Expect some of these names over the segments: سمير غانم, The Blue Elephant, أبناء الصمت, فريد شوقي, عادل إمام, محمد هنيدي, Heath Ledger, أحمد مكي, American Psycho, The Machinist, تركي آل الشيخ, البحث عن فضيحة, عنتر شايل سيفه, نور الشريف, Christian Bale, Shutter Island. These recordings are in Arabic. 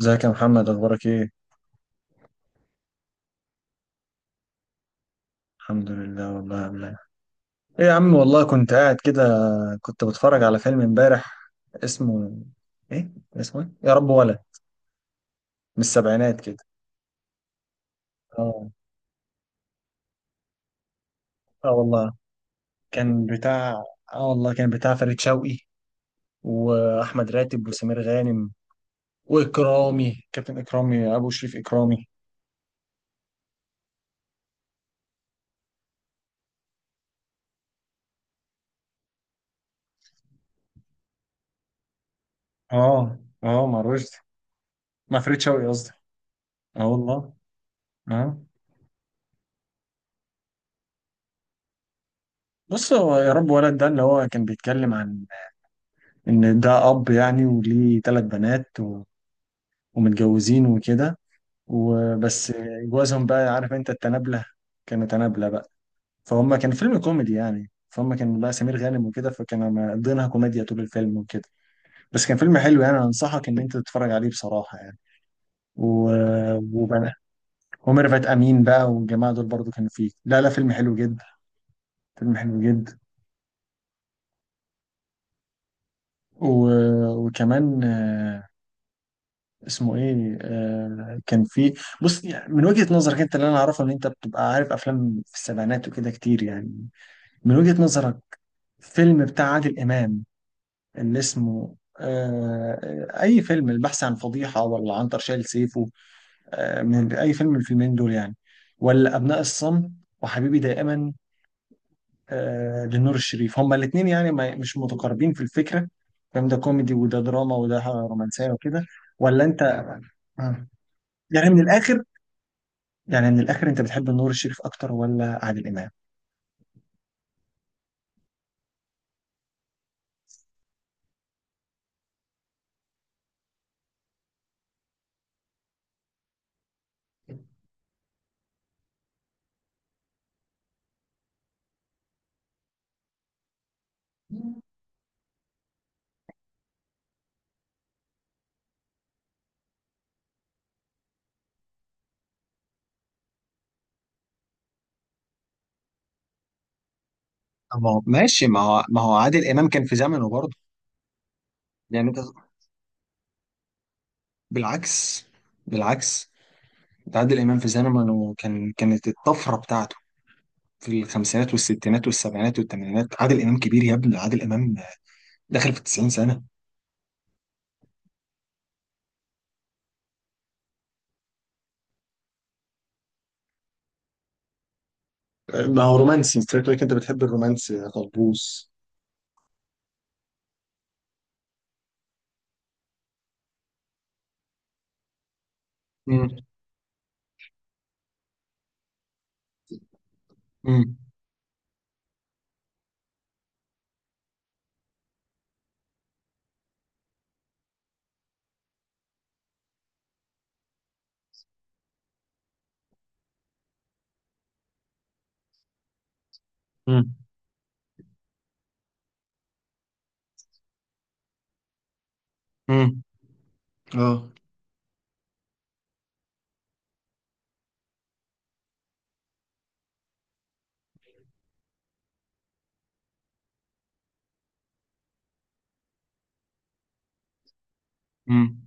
ازيك يا محمد؟ اخبارك ايه؟ الحمد لله والله يا عم. ايه يا عم والله، كنت قاعد كده، كنت بتفرج على فيلم امبارح. اسمه، ايه اسمه؟ ايه يا رب ولا؟ من السبعينات كده. اه اه والله كان بتاع، اه والله كان بتاع فريد شوقي واحمد راتب وسمير غانم واكرامي، كابتن اكرامي ابو شريف اكرامي. اه. اه، مع رشدي، مع فريد شوقي قصدي. اه والله. اه. بص، هو يا رب ولد ده اللي هو كان بيتكلم عن ان ده اب يعني وليه ثلاث بنات ومتجوزين وكده، وبس. جوازهم بقى، عارف انت التنابلة، كانوا تنابلة بقى. فهم كان فيلم كوميدي يعني، فهم كان بقى سمير غانم وكده، فكانوا مقضينها كوميديا طول الفيلم وكده. بس كان فيلم حلو يعني، انا انصحك ان انت تتفرج عليه بصراحة يعني. و... وبقى، وميرفت امين بقى والجماعة دول برضو كانوا فيه. لا لا، فيلم حلو جدا. فيلم حلو جدا. و... وكمان. اسمه ايه؟ كان في، بص يعني من وجهة نظرك انت، اللي انا اعرفه ان انت بتبقى عارف افلام في السبعينات وكده كتير يعني. من وجهة نظرك، فيلم بتاع عادل امام اللي اسمه اي فيلم، البحث عن فضيحة ولا عنتر شايل سيفه؟ من اي فيلم من الفيلمين دول يعني؟ ولا ابناء الصمت وحبيبي دائما؟ لنور الشريف. هما الاثنين يعني ما مش متقاربين في الفكرة، فاهم؟ ده كوميدي وده دراما وده رومانسية وكده. ولا انت، آه. يعني من الاخر، يعني من الاخر انت بتحب نور الشريف اكتر ولا عادل امام؟ ما هو ماشي، ما هو عادل امام كان في زمنه برضه. يعني انت، بالعكس، بالعكس، ده عادل امام في زمنه كان، كانت الطفره بتاعته في الخمسينات والستينات والسبعينات والثمانينات. عادل امام كبير يا ابني، عادل امام داخل في 90 سنه. ما هو رومانسي، انت شكلك لك انت بتحب الرومانسي يا طلبوس. امم. امم. مم. امم. اه. امم.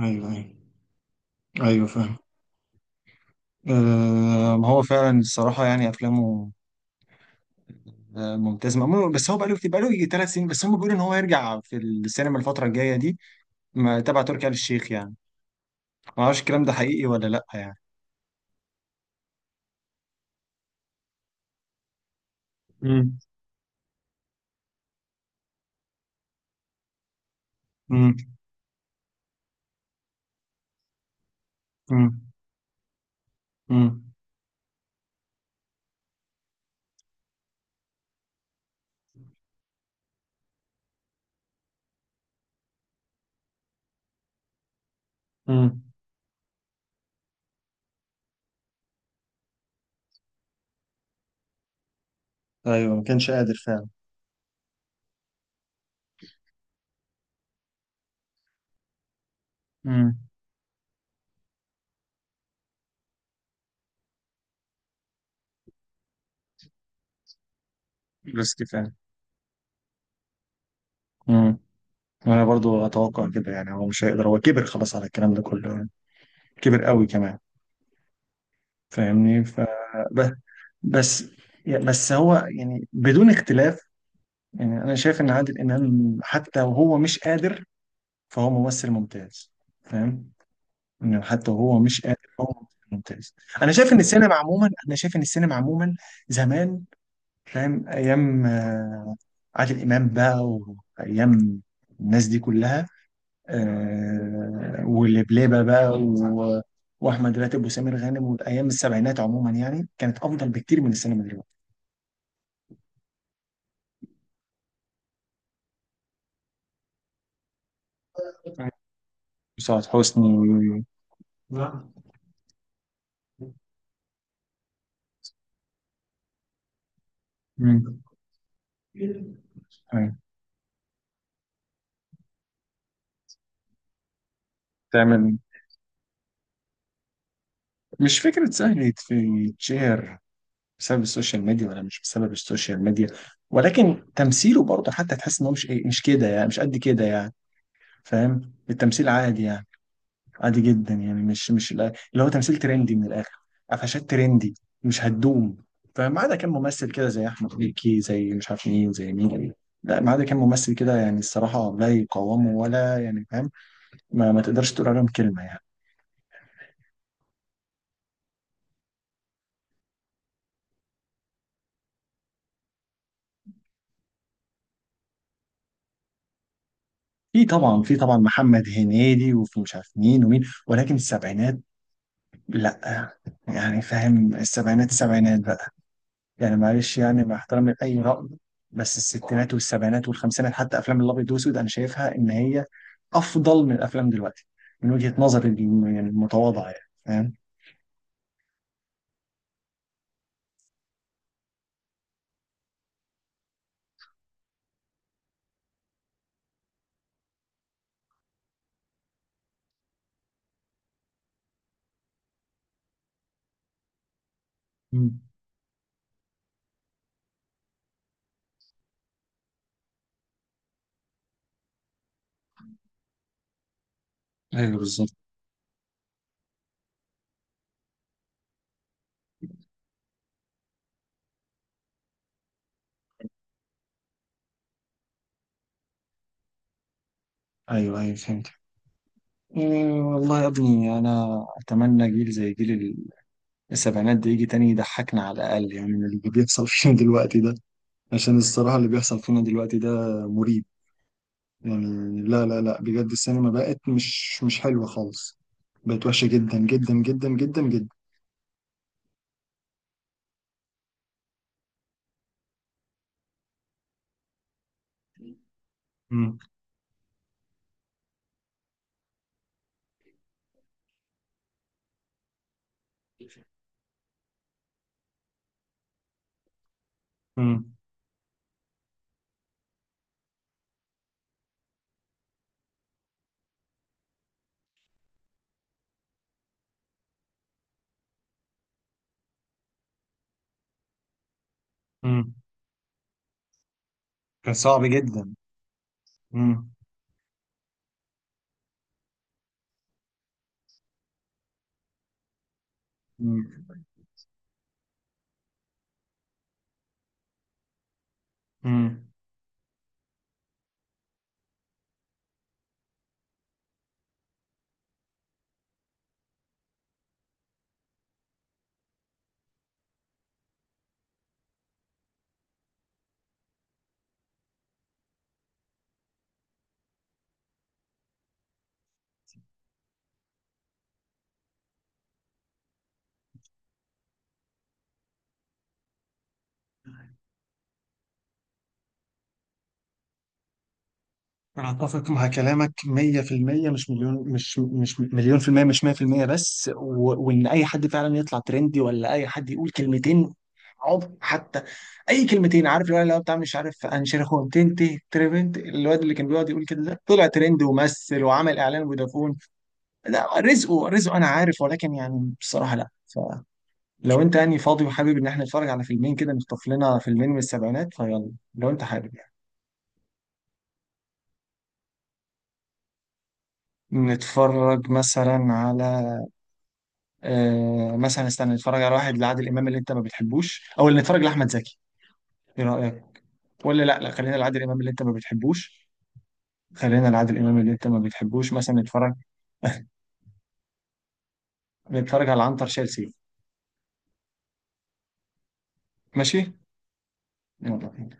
ايوه، ايوه، ايوه، فاهم. آه، ما هو فعلا الصراحه يعني افلامه، ممتاز. مأمون بس هو بقاله كتير، بقاله يجي ثلاث سنين، بس هم بيقولوا ان هو يرجع في السينما الفترة الجاية دي، تبع تركي آل الشيخ يعني. ما اعرفش الكلام ده حقيقي ولا لا يعني. امم. امم. امم. امم. امم. ايوه، ما كانش قادر فعلا. امم. بس كفايه. امم. انا برضو اتوقع كده، يعني هو مش هيقدر، هو كبر خلاص على الكلام ده كله يعني. كبر قوي كمان. فاهمني؟ ب- بس. بس هو يعني بدون اختلاف، يعني انا شايف ان عادل امام حتى وهو مش قادر فهو ممثل ممتاز. فاهم؟ انه حتى وهو مش قادر هو ممثل ممتاز. انا شايف ان السينما عموما، انا شايف ان السينما عموما زمان، فاهم؟ ايام عادل امام بقى، وايام الناس دي كلها، آه، واللبلبه بقى واحمد راتب وسمير غانم، والايام السبعينات عموما يعني كانت افضل بكتير من السينما دلوقتي. وسعاد حسني مم. أيوة. تعمل، مش فكرة سهل يتشهر بسبب السوشيال ميديا ولا مش بسبب السوشيال ميديا، ولكن تمثيله برضه حتى تحس ان هو مش ايه، مش كده يعني، مش قد كده يعني. فاهم؟ التمثيل عادي يعني، عادي جدا يعني، مش اللي هو تمثيل ترندي من الاخر، قفشات ترندي مش هتدوم. فما عدا كان ممثل كده زي احمد مكي، زي مش عارف مين، زي مين. لا، ما عدا كان ممثل كده يعني، الصراحه لا يقاومه ولا يعني. فاهم؟ ما تقدرش تقول عليهم كلمه يعني. في طبعا، في طبعا محمد هنيدي وفي مش عارف مين ومين، ولكن السبعينات لا. يعني فاهم؟ السبعينات، السبعينات بقى، يعني معلش يعني، مع احترامي لأي رأي، بس الستينات والسبعينات والخمسينات حتى أفلام الأبيض والأسود، أنا شايفها إن هي أفضل من الأفلام دلوقتي، من وجهة نظري يعني المتواضعة يعني، فاهم؟ مم. ايوه، بالظبط. أيوه، أيوه، فهمت. إيه والله يا ابني، أنا أتمنى جيل زي جيل ال-، السبعينات ده يجي تاني يضحكنا على الأقل يعني من اللي بيحصل فينا دلوقتي ده. عشان الصراحة اللي بيحصل فينا دلوقتي ده مريب يعني. لا لا لا، بجد السينما بقت مش، مش حلوة خالص، بقت وحشة جدا جدا جدا جدا جدا. مم. مم. مم. كان صعب جدا. مم. مم. مم. أنا أتفق مع كلامك 100%، مش مليون، مش مليون في المية، مش 100% بس، وإن أي حد فعلا يطلع ترندي ولا أي حد يقول كلمتين، عض حتى، أي كلمتين. عارف الولد اللي هو بتاع مش عارف أنشر، هو تنتي تريفنت، الواد اللي كان بيقعد يقول كده، ده طلع ترند ومثل وعمل إعلان فودافون. لا، رزقه رزقه انا عارف، ولكن يعني بصراحه لا. فلو انت يعني فاضي وحابب ان احنا نتفرج على فيلمين كده، نخطف لنا فيلمين من السبعينات، فيلا لو انت حابب يعني. نتفرج مثلا على، مثلا استنى، نتفرج على واحد لعادل امام اللي انت ما بتحبوش، او اللي نتفرج لاحمد زكي. ايه رايك؟ ولا لا لا، خلينا لعادل امام اللي انت ما بتحبوش. خلينا لعادل امام اللي انت ما بتحبوش، مثلا نتفرج، نتفرج على عنتر شال سيف. ماشي، يلا بينا.